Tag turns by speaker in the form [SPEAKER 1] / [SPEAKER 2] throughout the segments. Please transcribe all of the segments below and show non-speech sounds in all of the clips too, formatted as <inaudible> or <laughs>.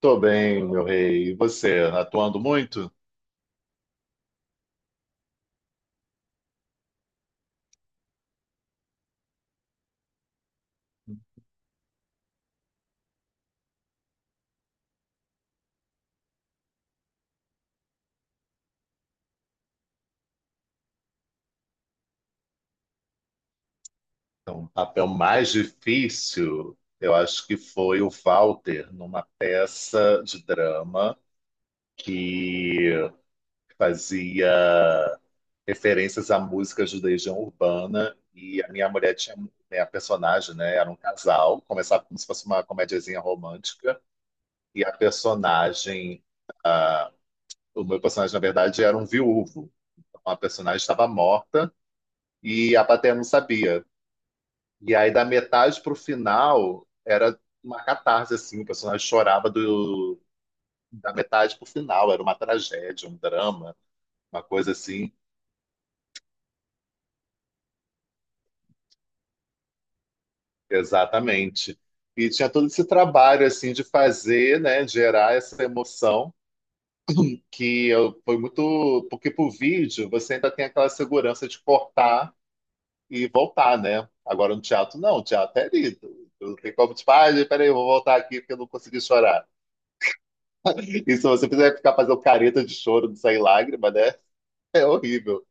[SPEAKER 1] Tô bem, meu rei. E você, atuando muito? Então, o papel mais difícil, eu acho que foi o Walter, numa peça de drama que fazia referências à música de Legião Urbana e a minha mulher tinha, né, a personagem, né, era um casal, começava como se fosse uma comediazinha romântica e a personagem, ah, o meu personagem, na verdade, era um viúvo. Então, a personagem estava morta e a plateia não sabia. E aí, da metade pro final, era uma catarse, assim. O personagem chorava da metade pro final. Era uma tragédia, um drama, uma coisa assim. Exatamente. E tinha todo esse trabalho, assim, de fazer, né? Gerar essa emoção. Que eu, foi muito... Porque pro vídeo, você ainda tem aquela segurança de cortar e voltar, né? Agora no teatro, não. O teatro é lido. Não tem como, tipo, ah, peraí, eu vou voltar aqui porque eu não consegui chorar. E se você quiser ficar fazendo careta de choro de sair lágrima, né? É horrível.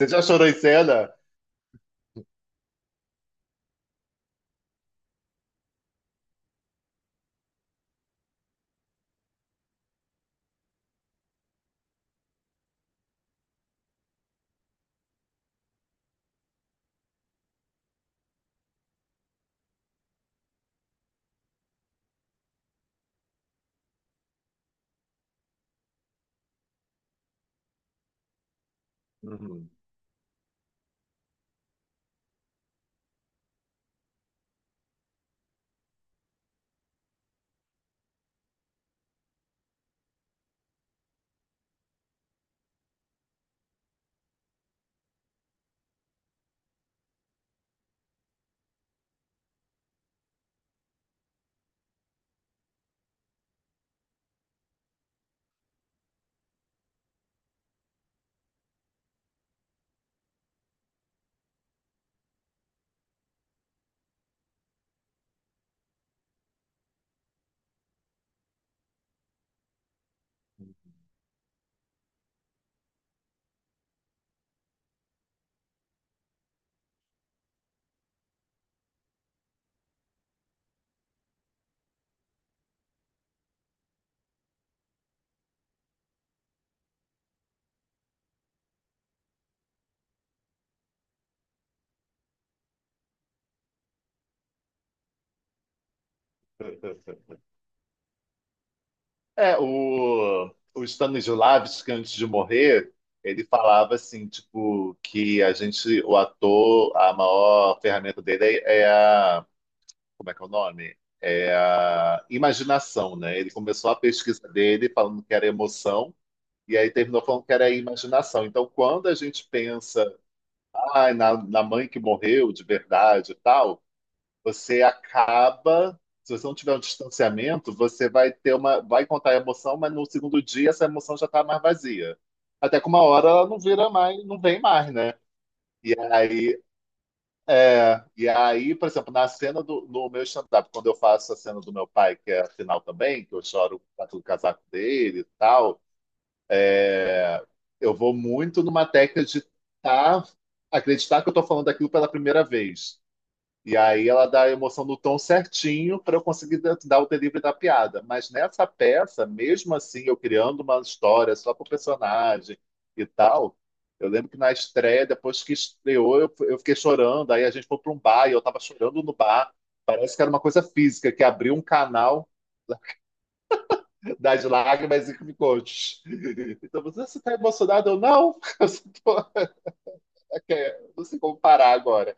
[SPEAKER 1] Você já chorou em cena? Uhum. É, o Stanislavski, antes de morrer, ele falava assim, tipo, que a gente, o ator, a maior ferramenta dele é a. Como é que é o nome? É a imaginação, né? Ele começou a pesquisa dele falando que era emoção. E aí terminou falando que era imaginação. Então, quando a gente pensa, ah, na mãe que morreu de verdade e tal, você acaba, se você não tiver um distanciamento, você vai ter uma, vai contar a emoção, mas no segundo dia essa emoção já está mais vazia. Até que uma hora ela não vira mais, não vem mais, né? E aí, é, e aí, por exemplo, na cena do no meu stand-up, quando eu faço a cena do meu pai, que é a final também, que eu choro com o casaco dele e tal, é, eu vou muito numa técnica de tá, acreditar que eu estou falando daquilo pela primeira vez. E aí ela dá a emoção no tom certinho para eu conseguir dar o delivery da piada. Mas nessa peça, mesmo assim, eu criando uma história só para o personagem e tal, eu lembro que na estreia, depois que estreou, eu fiquei chorando. Aí a gente foi para um bar e eu estava chorando no bar. Parece que era uma coisa física, que abriu um canal das lágrimas e picotes. <laughs> Então, você está emocionado? Eu, não, <laughs> eu só é, não sei como parar agora.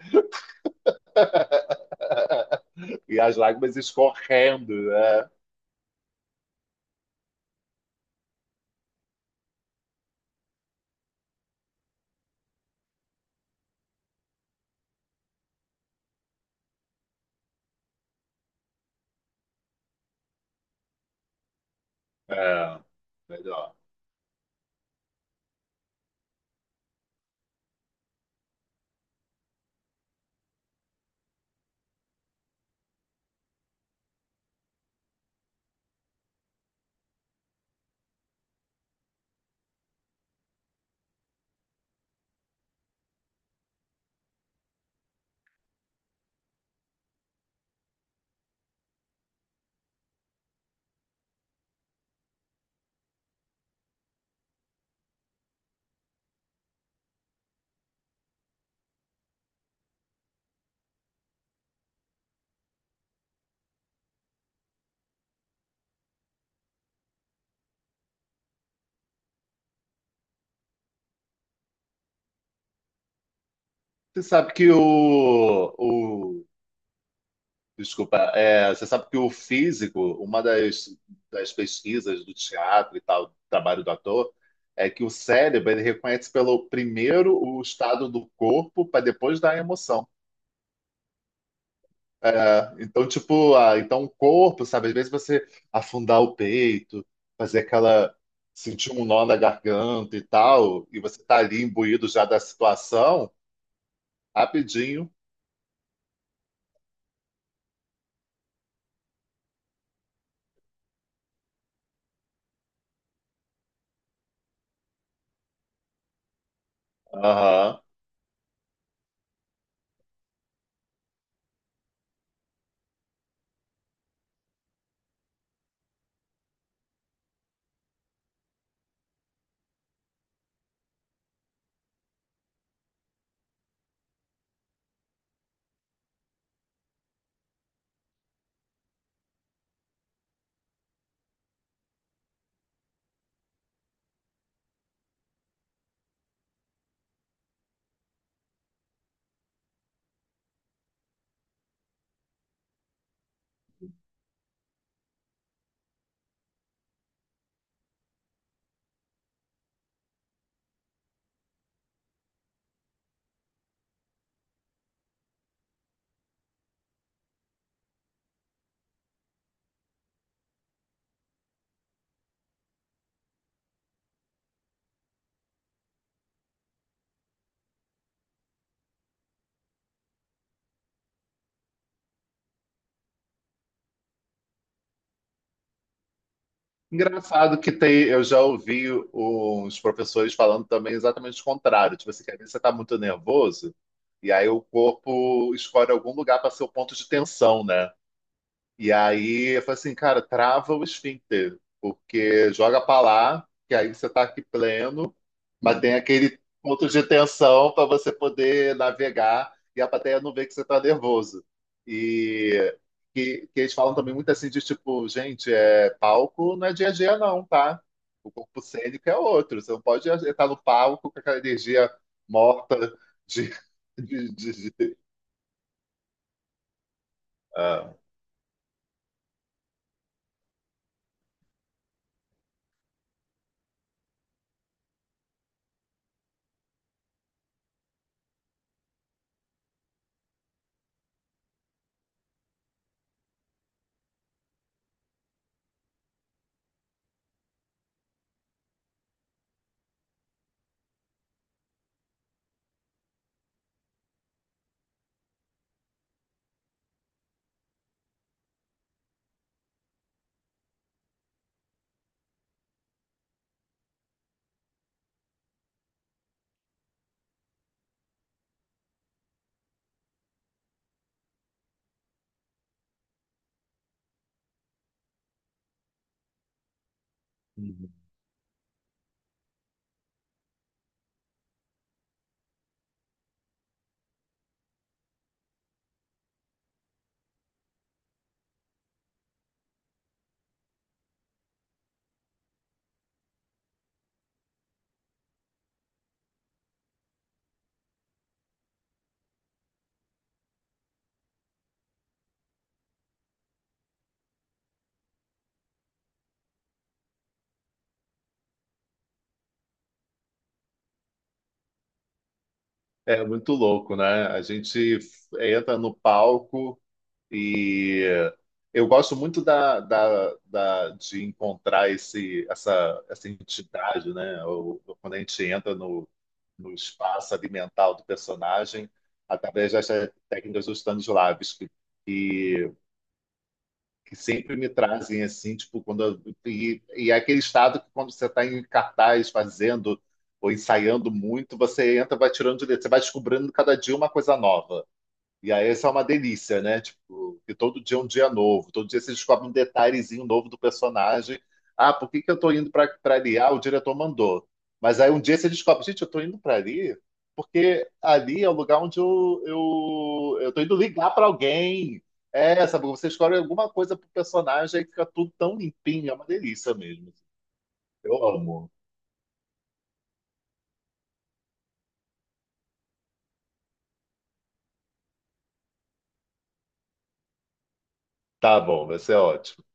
[SPEAKER 1] E as lágrimas escorrendo, né? É, melhor. Você sabe que o desculpa, é, você sabe que o físico, uma das pesquisas do teatro e tal, do trabalho do ator, é que o cérebro ele reconhece pelo primeiro o estado do corpo para depois dar a emoção. É, então, tipo, ah, então o corpo, sabe, às vezes você afundar o peito, fazer aquela, sentir um nó na garganta e tal, e você tá ali imbuído já da situação, rapidinho. Engraçado que tem, eu já ouvi uns professores falando também exatamente o contrário. Tipo assim, que às vezes você está muito nervoso e aí o corpo escolhe algum lugar para ser o ponto de tensão, né? E aí eu falei assim, cara, trava o esfíncter, porque joga pra lá, que aí você tá aqui pleno, mas tem aquele ponto de tensão para você poder navegar e a plateia não vê que você tá nervoso. E que eles falam também muito assim de tipo, gente, é palco não é dia a dia não, tá? O corpo cênico é outro, você não pode estar no palco com aquela energia morta de, <laughs> de, de- de- ah. É muito louco, né? A gente entra no palco e eu gosto muito de encontrar essa entidade, né? Ou Quando a gente entra no espaço ali mental do personagem, através dessas técnicas dos Stanislavski que sempre me trazem assim, tipo, e é aquele estado que quando você está em cartaz fazendo ou ensaiando muito, você entra, vai tirando de letra, você vai descobrindo cada dia uma coisa nova. E aí isso é uma delícia, né? Tipo, que todo dia é um dia novo, todo dia você descobre um detalhezinho novo do personagem. Ah, por que que eu tô indo pra ali? Ah, o diretor mandou. Mas aí um dia você descobre, gente, eu tô indo pra ali porque ali é o lugar onde eu tô indo ligar pra alguém. É, sabe? Você escolhe alguma coisa pro personagem e fica tudo tão limpinho, é uma delícia mesmo. Eu amo. Tá bom, vai ser ótimo.